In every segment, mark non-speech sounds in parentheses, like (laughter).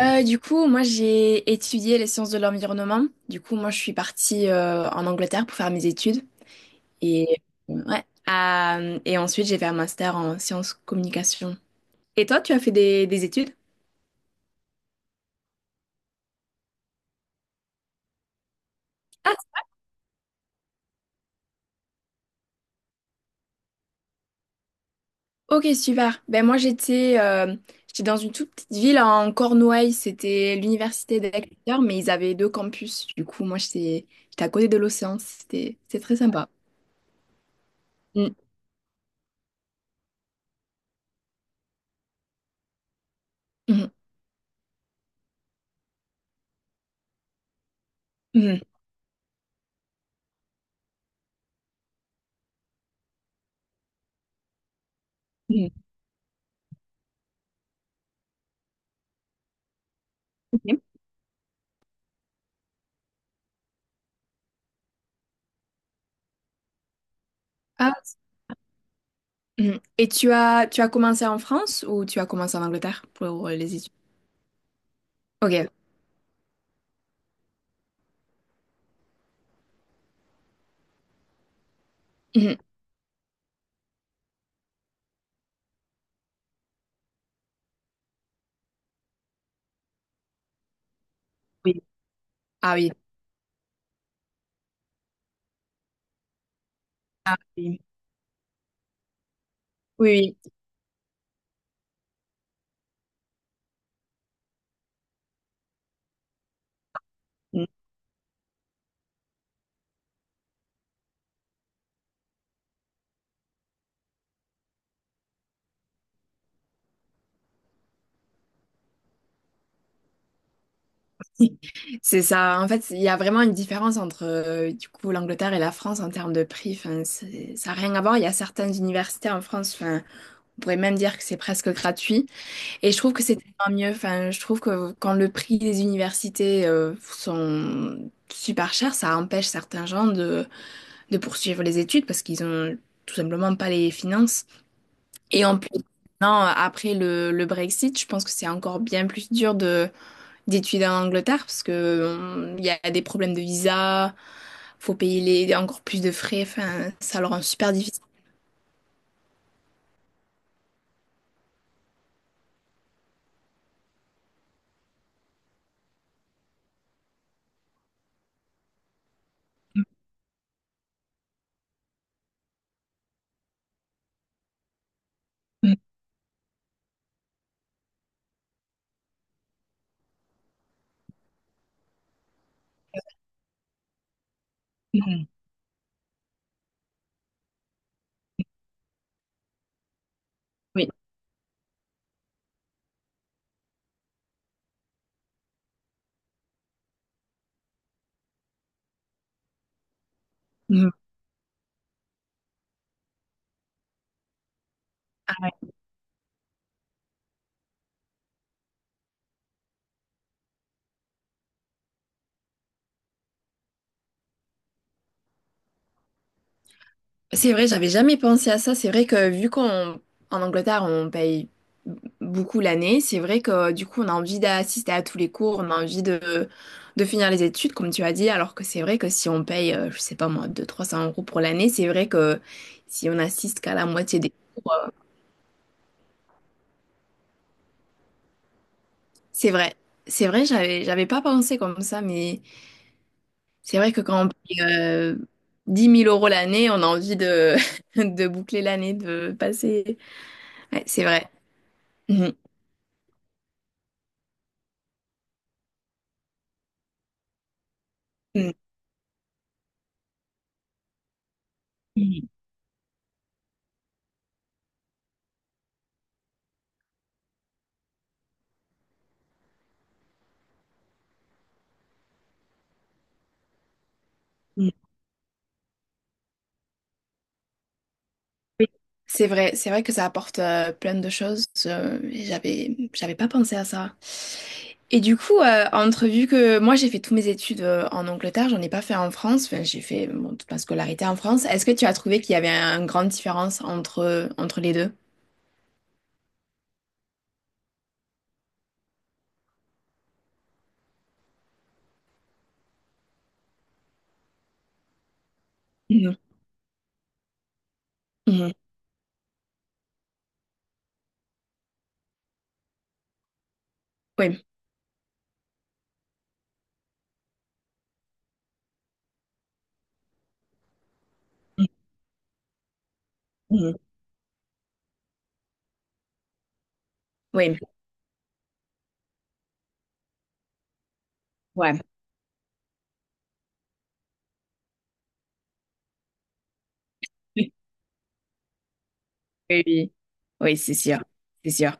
Moi j'ai étudié les sciences de l'environnement. Du coup, moi je suis partie en Angleterre pour faire mes études. Et, ouais. Et ensuite, j'ai fait un master en sciences communication. Et toi, tu as fait des études? Ah, ok, super. Ben moi j'étais j'étais dans une toute petite ville en Cornouailles. C'était l'université d'Exeter, mais ils avaient deux campus. Du coup, moi j'étais à côté de l'océan. C'était très sympa. Mm, mhm, mhm, mhm. Ok. Mhm. Et tu as commencé en France ou tu as commencé en Angleterre pour les études? Ok. Mhm. Oui. Ah oui. Oui, oui, oui. (laughs) Mhm. C'est ça. En fait, il y a vraiment une différence entre du coup l'Angleterre et la France en termes de prix. Enfin, ça n'a rien à voir. Il y a certaines universités en France. Enfin, on pourrait même dire que c'est presque gratuit. Et je trouve que c'est tellement mieux. Enfin, je trouve que quand le prix des universités sont super chers, ça empêche certains gens de poursuivre les études parce qu'ils ont tout simplement pas les finances. Et en plus, non, après le Brexit, je pense que c'est encore bien plus dur de d'étudier en Angleterre parce que il y a des problèmes de visa, faut payer les, encore plus de frais, enfin, ça leur rend super difficile. Mhm. Oui. Mhm. Ah, c'est vrai, j'avais jamais pensé à ça. C'est vrai que vu qu'on en Angleterre, on paye beaucoup l'année, c'est vrai que du coup, on a envie d'assister à tous les cours, on a envie de finir les études, comme tu as dit, alors que c'est vrai que si on paye, je sais pas moi, 300 euros pour l'année, c'est vrai que si on assiste qu'à la moitié des... C'est vrai, c'est vrai, j'avais pas pensé comme ça, mais c'est vrai que quand on paye 10 000 euros l'année, on a envie de, (laughs) de boucler l'année, de passer... Ouais, c'est vrai. Mhm. Mhm. Oui, c'est vrai, c'est vrai que ça apporte plein de choses. Et j'avais pas pensé à ça. Et du coup, entre vu que moi j'ai fait toutes mes études en Angleterre, j'en ai pas fait en France. Enfin, j'ai fait bon, toute ma scolarité en France. Est-ce que tu as trouvé qu'il y avait une grande différence entre les deux? Mhm. Mhm. Oui, mhm, oui, ouais. (laughs) Oui, oui, oui, c'est sûr, c'est sûr.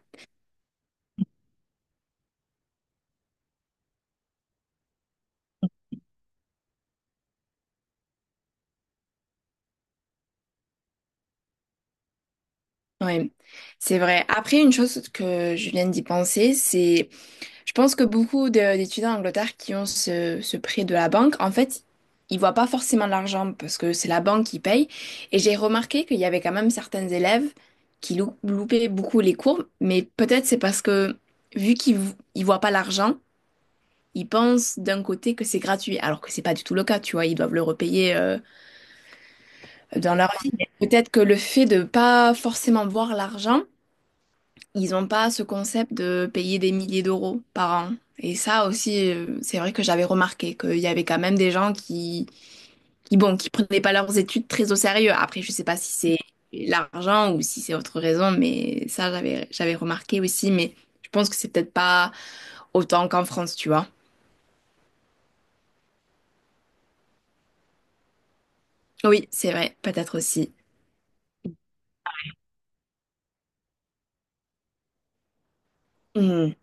Oui, c'est vrai. Après, une chose que je viens d'y penser, c'est je pense que beaucoup d'étudiants en Angleterre qui ont ce prêt de la banque, en fait, ils voient pas forcément l'argent parce que c'est la banque qui paye. Et j'ai remarqué qu'il y avait quand même certains élèves qui loupaient beaucoup les cours, mais peut-être c'est parce que vu qu'ils ils voient pas l'argent, ils pensent d'un côté que c'est gratuit, alors que c'est pas du tout le cas, tu vois, ils doivent le repayer dans leur vie. Mais peut-être que le fait de pas forcément voir l'argent, ils n'ont pas ce concept de payer des milliers d'euros par an. Et ça aussi, c'est vrai que j'avais remarqué qu'il y avait quand même des gens qui, bon, qui prenaient pas leurs études très au sérieux. Après, je sais pas si c'est l'argent ou si c'est autre raison, mais ça, j'avais remarqué aussi. Mais je pense que c'est peut-être pas autant qu'en France, tu vois. Oui, c'est vrai, peut-être aussi. Mhm.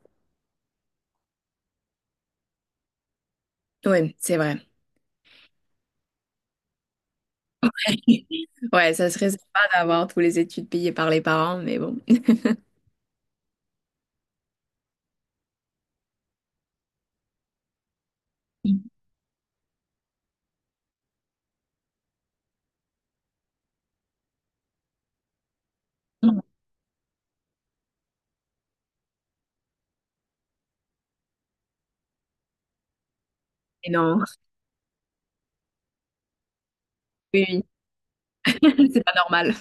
Oui, c'est vrai. (laughs) Ouais, ça serait sympa d'avoir tous les études payées par les parents, mais bon. (laughs) Et non, oui, oui, (laughs) c'est pas normal.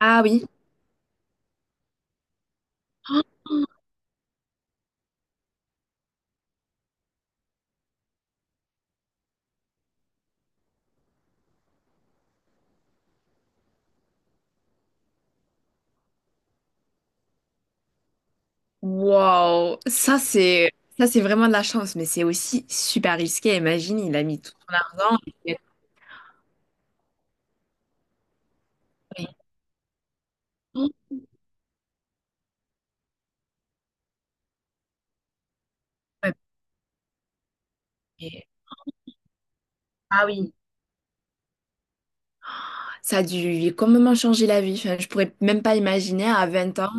Ah oui. Wow, ça c'est, ça c'est vraiment de la chance, mais c'est aussi super risqué. Imagine, il a mis tout son argent. Il a tout fait. Et- Ah oui, ça a dû complètement changer la vie. Enfin, je pourrais même pas imaginer à 20 ans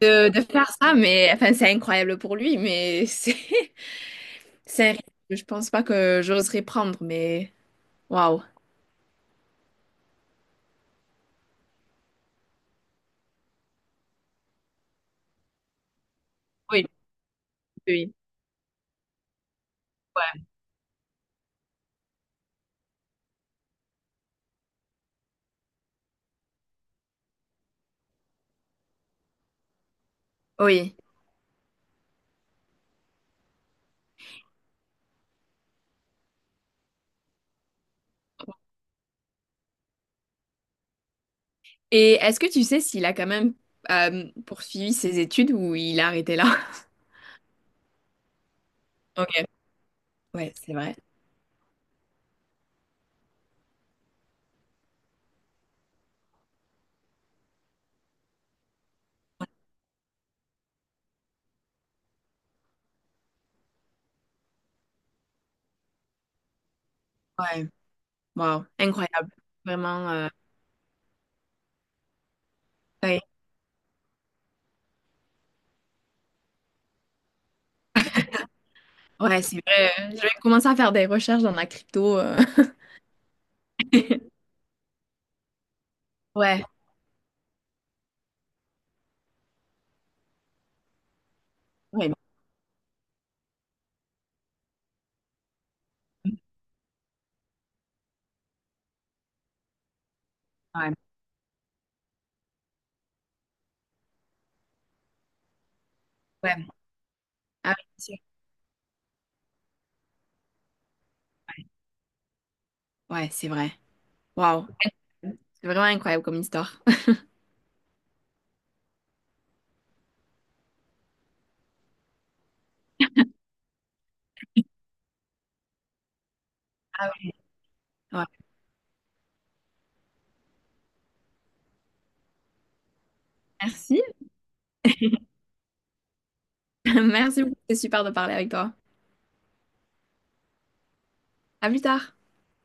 de faire ça, mais enfin, c'est incroyable pour lui, mais c'est (laughs) c'est un risque que je pense pas que j'oserais prendre, mais waouh. Oui, oui. Ouais. Oui. Et est-ce que tu sais s'il a quand même poursuivi ses études ou il a arrêté là? (laughs) Ok. Ouais, c'est vrai. Ouais, wow, incroyable. Vraiment, ouais, ouais, c'est vrai. Je vais commencer à faire des recherches dans la crypto. (laughs) Ouais, ouais, ouais, ouais, ah oui, c'est sûr, ouais, c'est vrai. Wow, c'est vraiment incroyable comme histoire. Ah oui, ouais. Merci. (laughs) Merci beaucoup, c'était super de parler avec toi. À plus tard.